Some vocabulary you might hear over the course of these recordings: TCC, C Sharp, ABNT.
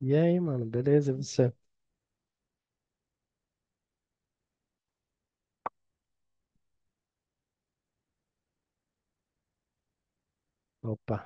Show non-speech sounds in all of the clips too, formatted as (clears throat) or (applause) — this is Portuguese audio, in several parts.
E aí, mano, beleza? E você? Opa,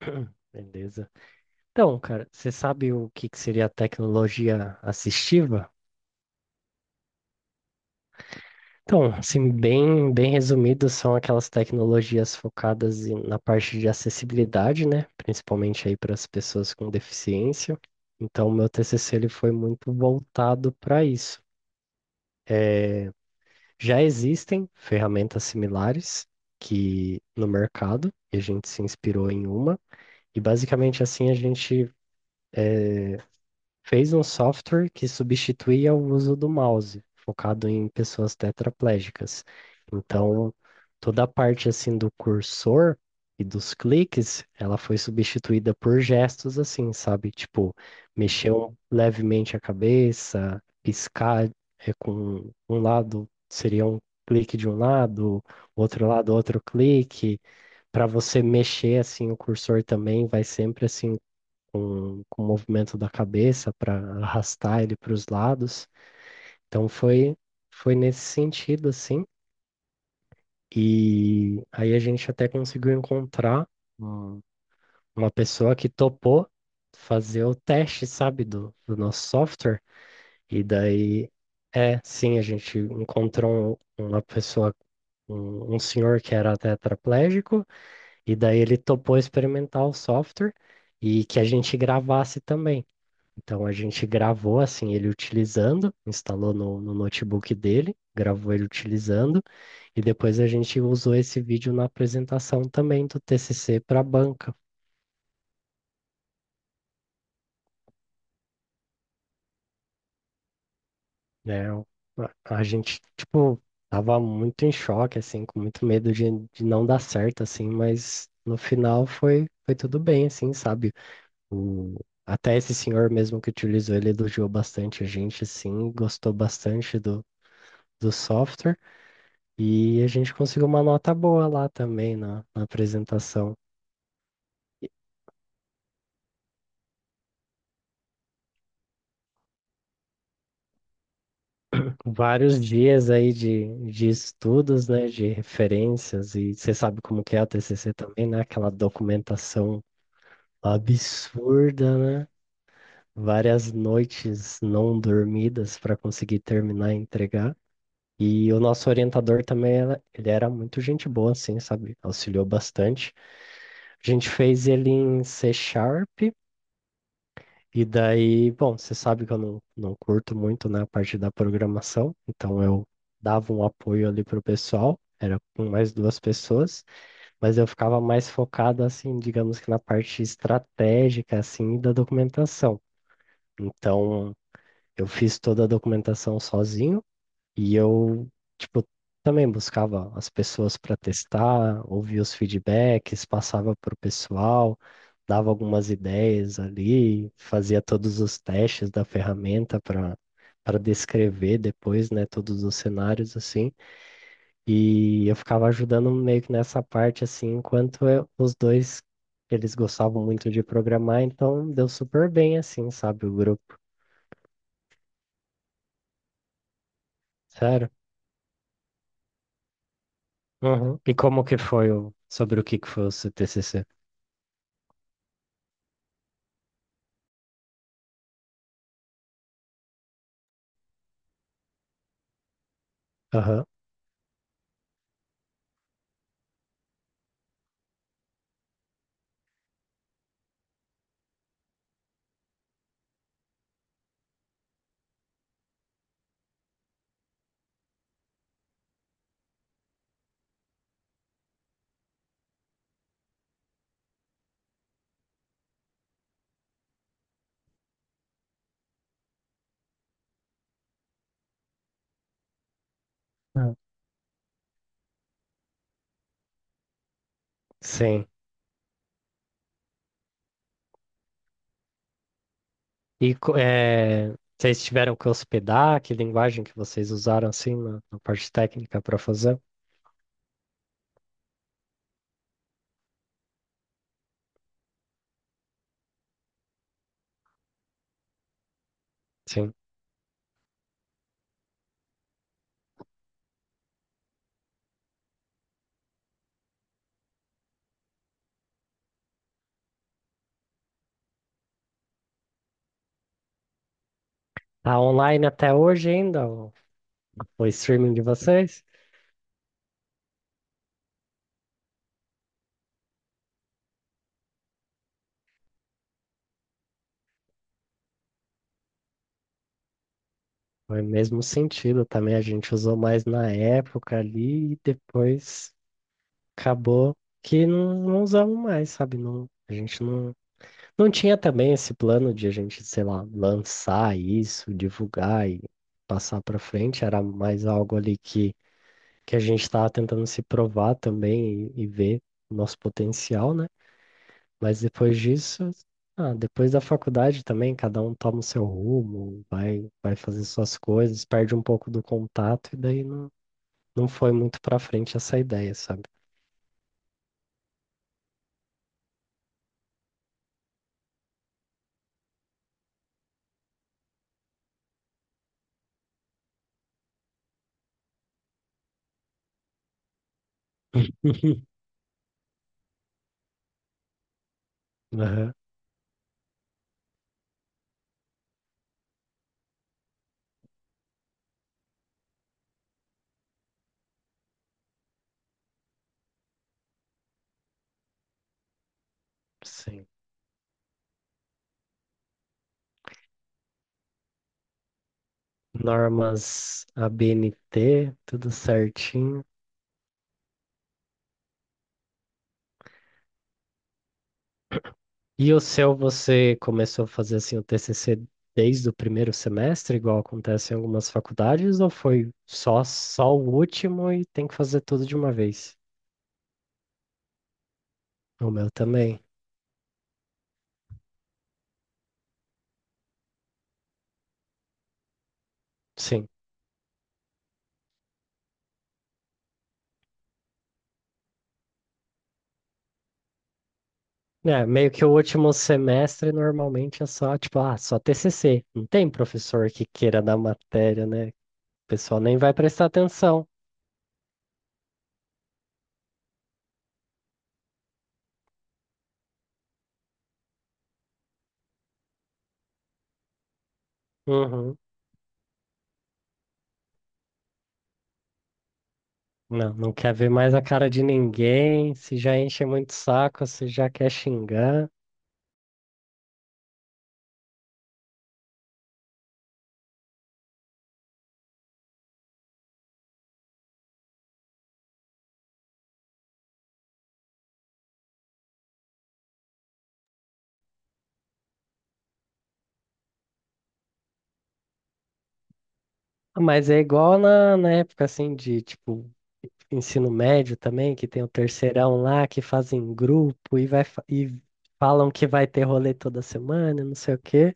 (clears throat) beleza. Então, cara, você sabe o que que seria a tecnologia assistiva? Então, assim, bem resumido, são aquelas tecnologias focadas na parte de acessibilidade, né? Principalmente aí para as pessoas com deficiência. Então, o meu TCC ele foi muito voltado para isso. Já existem ferramentas similares que no mercado, e a gente se inspirou em uma. E basicamente assim a gente fez um software que substituía o uso do mouse, focado em pessoas tetraplégicas. Então, toda a parte assim do cursor e dos cliques, ela foi substituída por gestos assim, sabe? Tipo, mexer levemente a cabeça, piscar com um lado seria um clique de um lado outro clique. Para você mexer assim o cursor também vai sempre assim com o movimento da cabeça para arrastar ele para os lados. Então foi nesse sentido, assim. E aí a gente até conseguiu encontrar um- uma pessoa que topou fazer o teste, sabe, do nosso software. E daí, é, sim, a gente encontrou uma pessoa, um senhor que era tetraplégico, e daí ele topou experimentar o software e que a gente gravasse também. Então a gente gravou assim ele utilizando, instalou no notebook dele, gravou ele utilizando e depois a gente usou esse vídeo na apresentação também do TCC para a banca, né? A gente tipo tava muito em choque assim, com muito medo de não dar certo assim, mas no final foi tudo bem assim, sabe? O Até esse senhor mesmo que utilizou ele elogiou bastante a gente assim, gostou bastante do software. E a gente conseguiu uma nota boa lá também na apresentação. Vários dias aí de estudos, né, de referências, e você sabe como que é a TCC também, né, aquela documentação absurda, né, várias noites não dormidas para conseguir terminar e entregar. E o nosso orientador também, ele era muito gente boa, assim, sabe, auxiliou bastante. A gente fez ele em C Sharp. E daí, bom, você sabe que eu não curto muito, né, a parte da programação, então eu dava um apoio ali pro pessoal, era com mais duas pessoas, mas eu ficava mais focado, assim, digamos que na parte estratégica, assim, da documentação. Então, eu fiz toda a documentação sozinho, e eu, tipo, também buscava as pessoas para testar, ouvia os feedbacks, passava para o pessoal, dava algumas ideias ali, fazia todos os testes da ferramenta para descrever depois, né, todos os cenários assim. E eu ficava ajudando meio que nessa parte assim, enquanto os dois eles gostavam muito de programar, então deu super bem assim, sabe, o grupo. Sério? Uhum. E como que foi sobre o que que foi o seu TCC? Aham. Ah, sim. Vocês tiveram que hospedar? Que linguagem que vocês usaram assim na parte técnica para fazer? Sim. Tá online até hoje ainda o streaming de vocês? Foi o mesmo sentido também. A gente usou mais na época ali e depois acabou que não usamos mais, sabe? Não, a gente não tinha também esse plano de a gente, sei lá, lançar isso, divulgar e passar para frente. Era mais algo ali que a gente estava tentando se provar também e ver o nosso potencial, né? Mas depois disso, ah, depois da faculdade também, cada um toma o seu rumo, vai fazer suas coisas, perde um pouco do contato e daí não foi muito pra frente essa ideia, sabe? (laughs) Aham, sim. Normas ABNT, tudo certinho. E o seu, você começou a fazer assim o TCC desde o primeiro semestre, igual acontece em algumas faculdades, ou foi só o último e tem que fazer tudo de uma vez? O meu também. Sim. É, meio que o último semestre normalmente é só, tipo, ah, só TCC. Não tem professor que queira dar matéria, né? O pessoal nem vai prestar atenção. Uhum. Não, não quer ver mais a cara de ninguém. Se já enche muito o saco, se já quer xingar. Mas é igual na época assim de tipo ensino médio também, que tem o terceirão lá que fazem grupo e vai e falam que vai ter rolê toda semana, não sei o quê.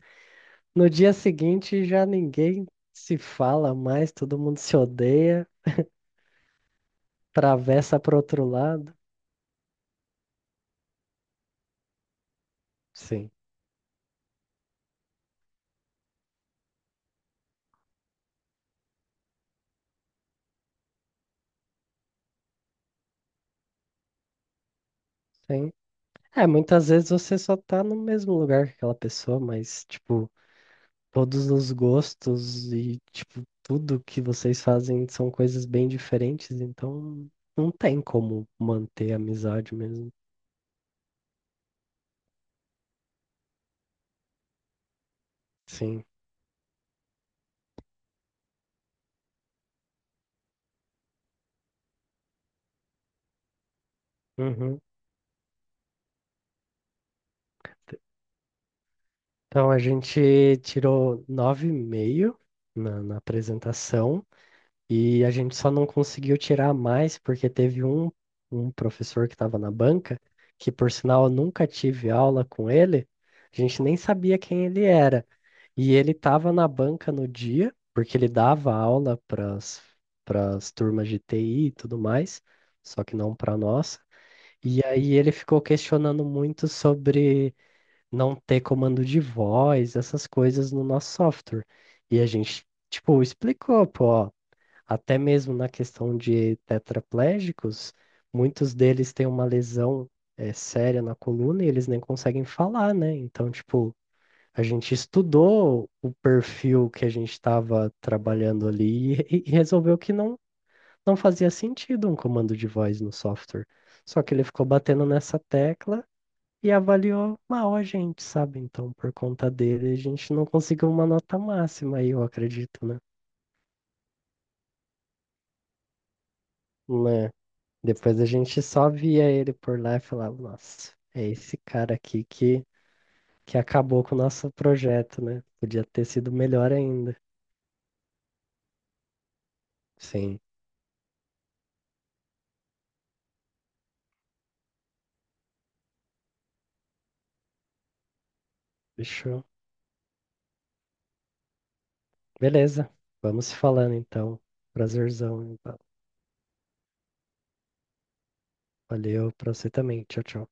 No dia seguinte já ninguém se fala mais, todo mundo se odeia, atravessa pro outro lado. Sim, sim. É, muitas vezes você só tá no mesmo lugar que aquela pessoa, mas tipo todos os gostos e, tipo, tudo que vocês fazem são coisas bem diferentes, então não tem como manter a amizade mesmo. Sim. Uhum. Então a gente tirou 9,5 na apresentação e a gente só não conseguiu tirar mais porque teve um professor que estava na banca, que por sinal eu nunca tive aula com ele, a gente nem sabia quem ele era. E ele estava na banca no dia, porque ele dava aula para as turmas de TI e tudo mais, só que não para nossa. E aí ele ficou questionando muito sobre não ter comando de voz, essas coisas no nosso software. E a gente, tipo, explicou, pô, ó, até mesmo na questão de tetraplégicos, muitos deles têm uma lesão, séria na coluna e eles nem conseguem falar, né? Então, tipo a gente estudou o perfil que a gente estava trabalhando ali e resolveu que não fazia sentido um comando de voz no software. Só que ele ficou batendo nessa tecla e avaliou mal a gente, sabe? Então, por conta dele, a gente não conseguiu uma nota máxima aí, eu acredito, né? Né? Depois a gente só via ele por lá e falava, nossa, é esse cara aqui que acabou com o nosso projeto, né? Podia ter sido melhor ainda. Sim, deixa. Beleza. Vamos se falando então. Prazerzão. Valeu pra você também. Tchau, tchau.